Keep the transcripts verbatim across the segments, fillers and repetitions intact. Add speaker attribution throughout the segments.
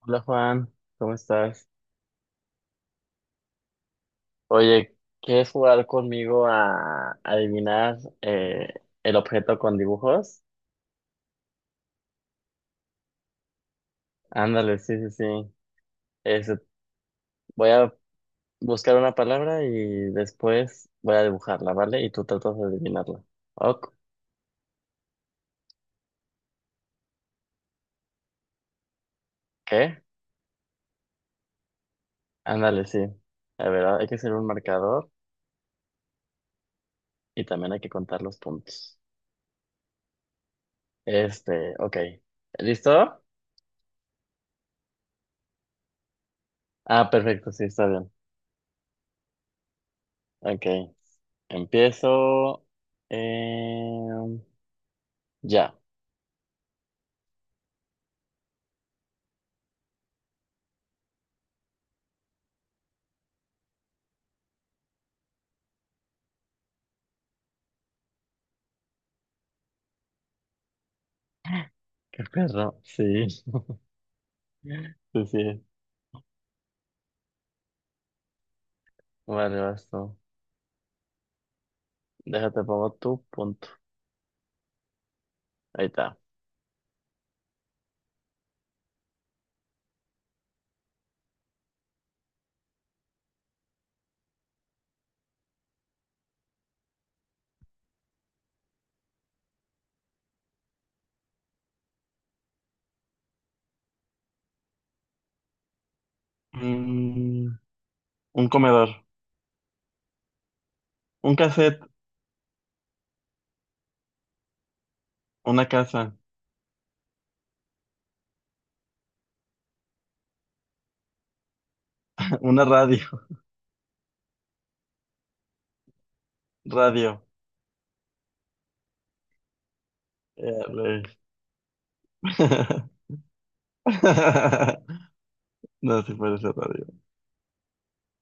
Speaker 1: Hola Juan, ¿cómo estás? Oye, ¿quieres jugar conmigo a adivinar eh, el objeto con dibujos? Ándale, sí, sí, sí. Este, voy a buscar una palabra y después voy a dibujarla, ¿vale? Y tú tratas de adivinarla. Ok. ¿Qué? Ándale, sí. A ver, hay que hacer un marcador y también hay que contar los puntos. Este, ok. ¿Listo? Ah, perfecto, sí, está bien. Ok, empiezo. Eh... Ya. Qué perro. Sí. Sí, sí. Vale, vas tú. Déjate pongo tu punto. Ahí está. Mm, un comedor, un cassette, una casa, una radio, radio. Eh, güey. No, si puede ser radio.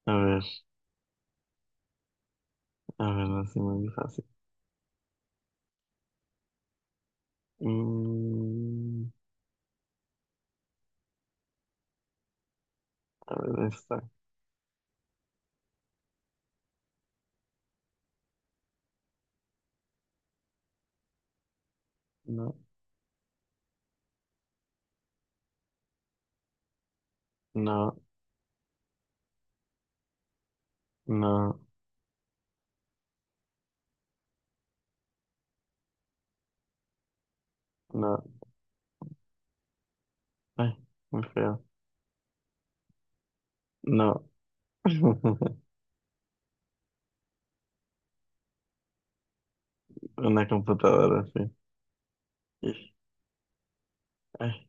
Speaker 1: A ver, a ver, no, sí, muy fácil. Mm, a ver, esta. No, no, no, no. Ay, muy feo. No. Una computadora, sí. Ay.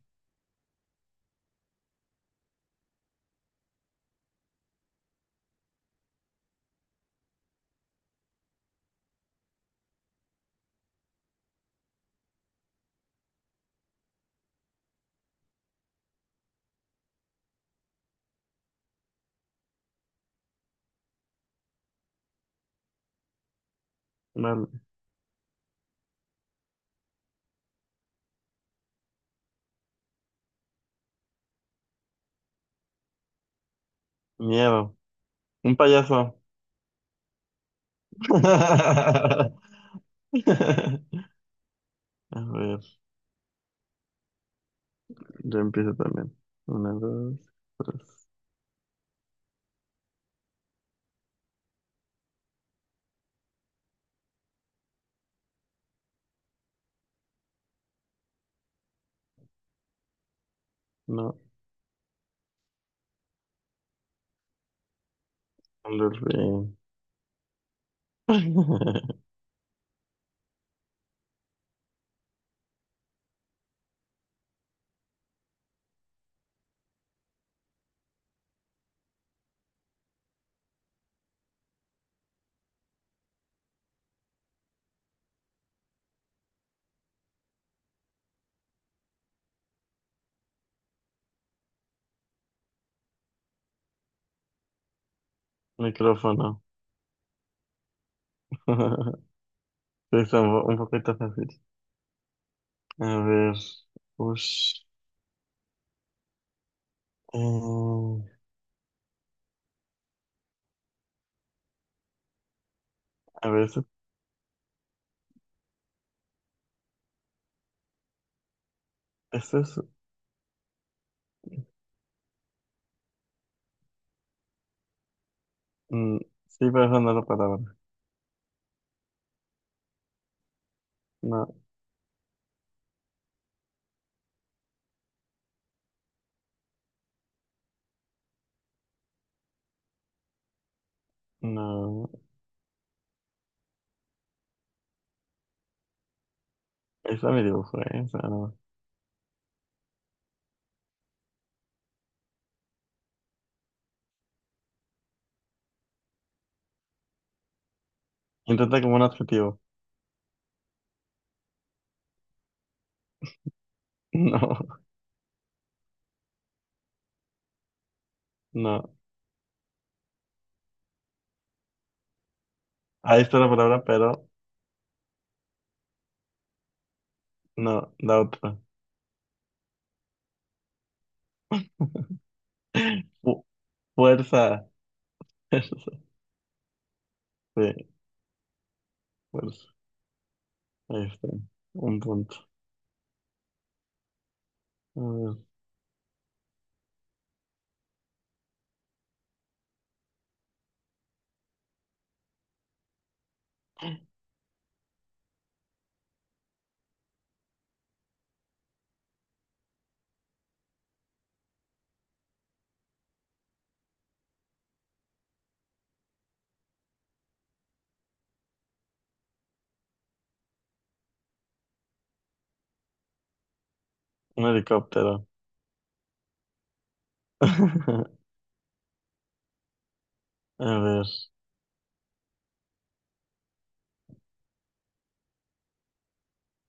Speaker 1: Vale, miedo. Un payaso. A ver, yo empiezo también. Una, dos, tres. No, Andolfín. Micrófono. Sí, está un, po- un poquito fácil. A ver. Ush. Eh, a ver, eso, eso es. Mm, sí, pero eso no es la palabra. No, no. Esa me dibujo, ¿eh? Esa no. Intenta como un adjetivo. No, no. Ahí está la palabra, pero. No, la otra. Fu- Fuerza. Fuerza. Sí, fuerza. Ahí está. Un punto. A ver, un helicóptero. A ver.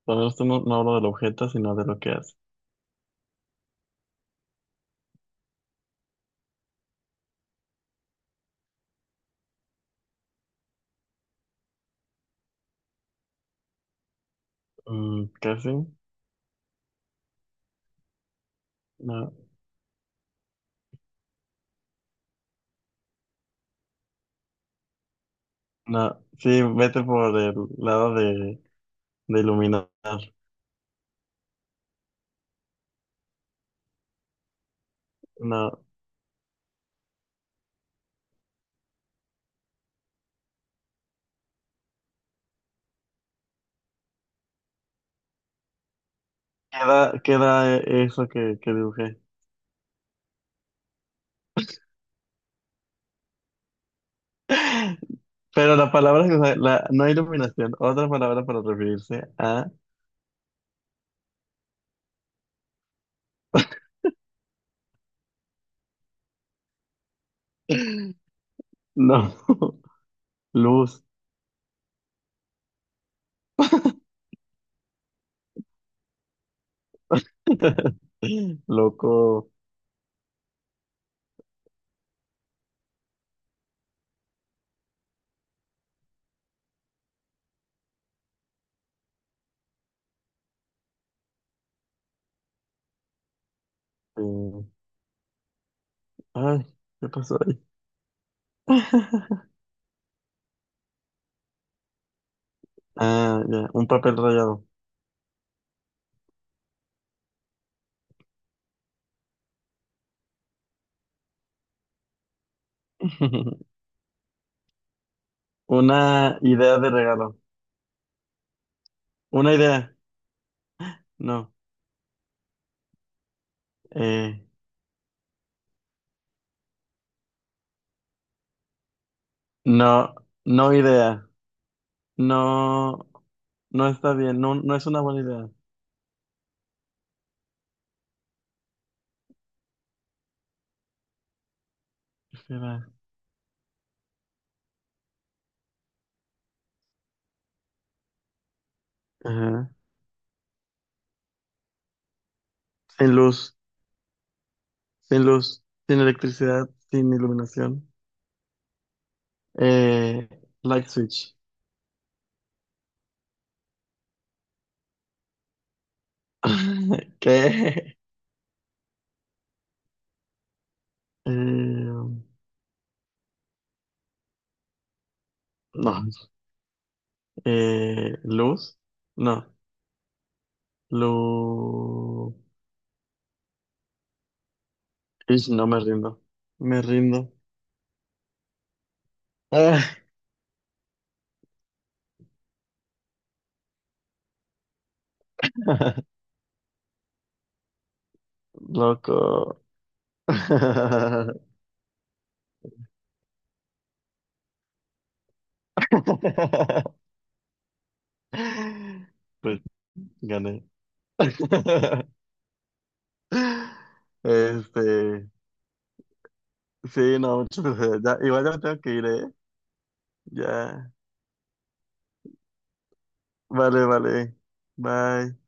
Speaker 1: Bueno, esto no, no hablo del objeto, sino de lo que hace. Mm, casi. No, no. Sí, vete por el lado de, de iluminar. No. Queda, queda eh, eso que, que dibujé. Pero la palabra que usa- la, no iluminación, otra palabra para referirse a. No. Luz. Loco. eh, Ay, ¿qué pasó ahí? Ah, ya, un papel rayado. Una idea de regalo. Una idea. No. Eh, no, no idea. No, no está bien. No, no es una buena idea. Espera. Ajá. Sin luz, sin luz, sin electricidad, sin iluminación. Eh, light switch. ¿Qué? Eh, no, Eh, luz. No. Luz. Ish, no me rindo. Me rindo. Ah, loco. Pues gané. Este. Sí, no, muchas gracias. Ya, igual ya me tengo que ir, ¿eh? Ya. Vale, vale. Bye.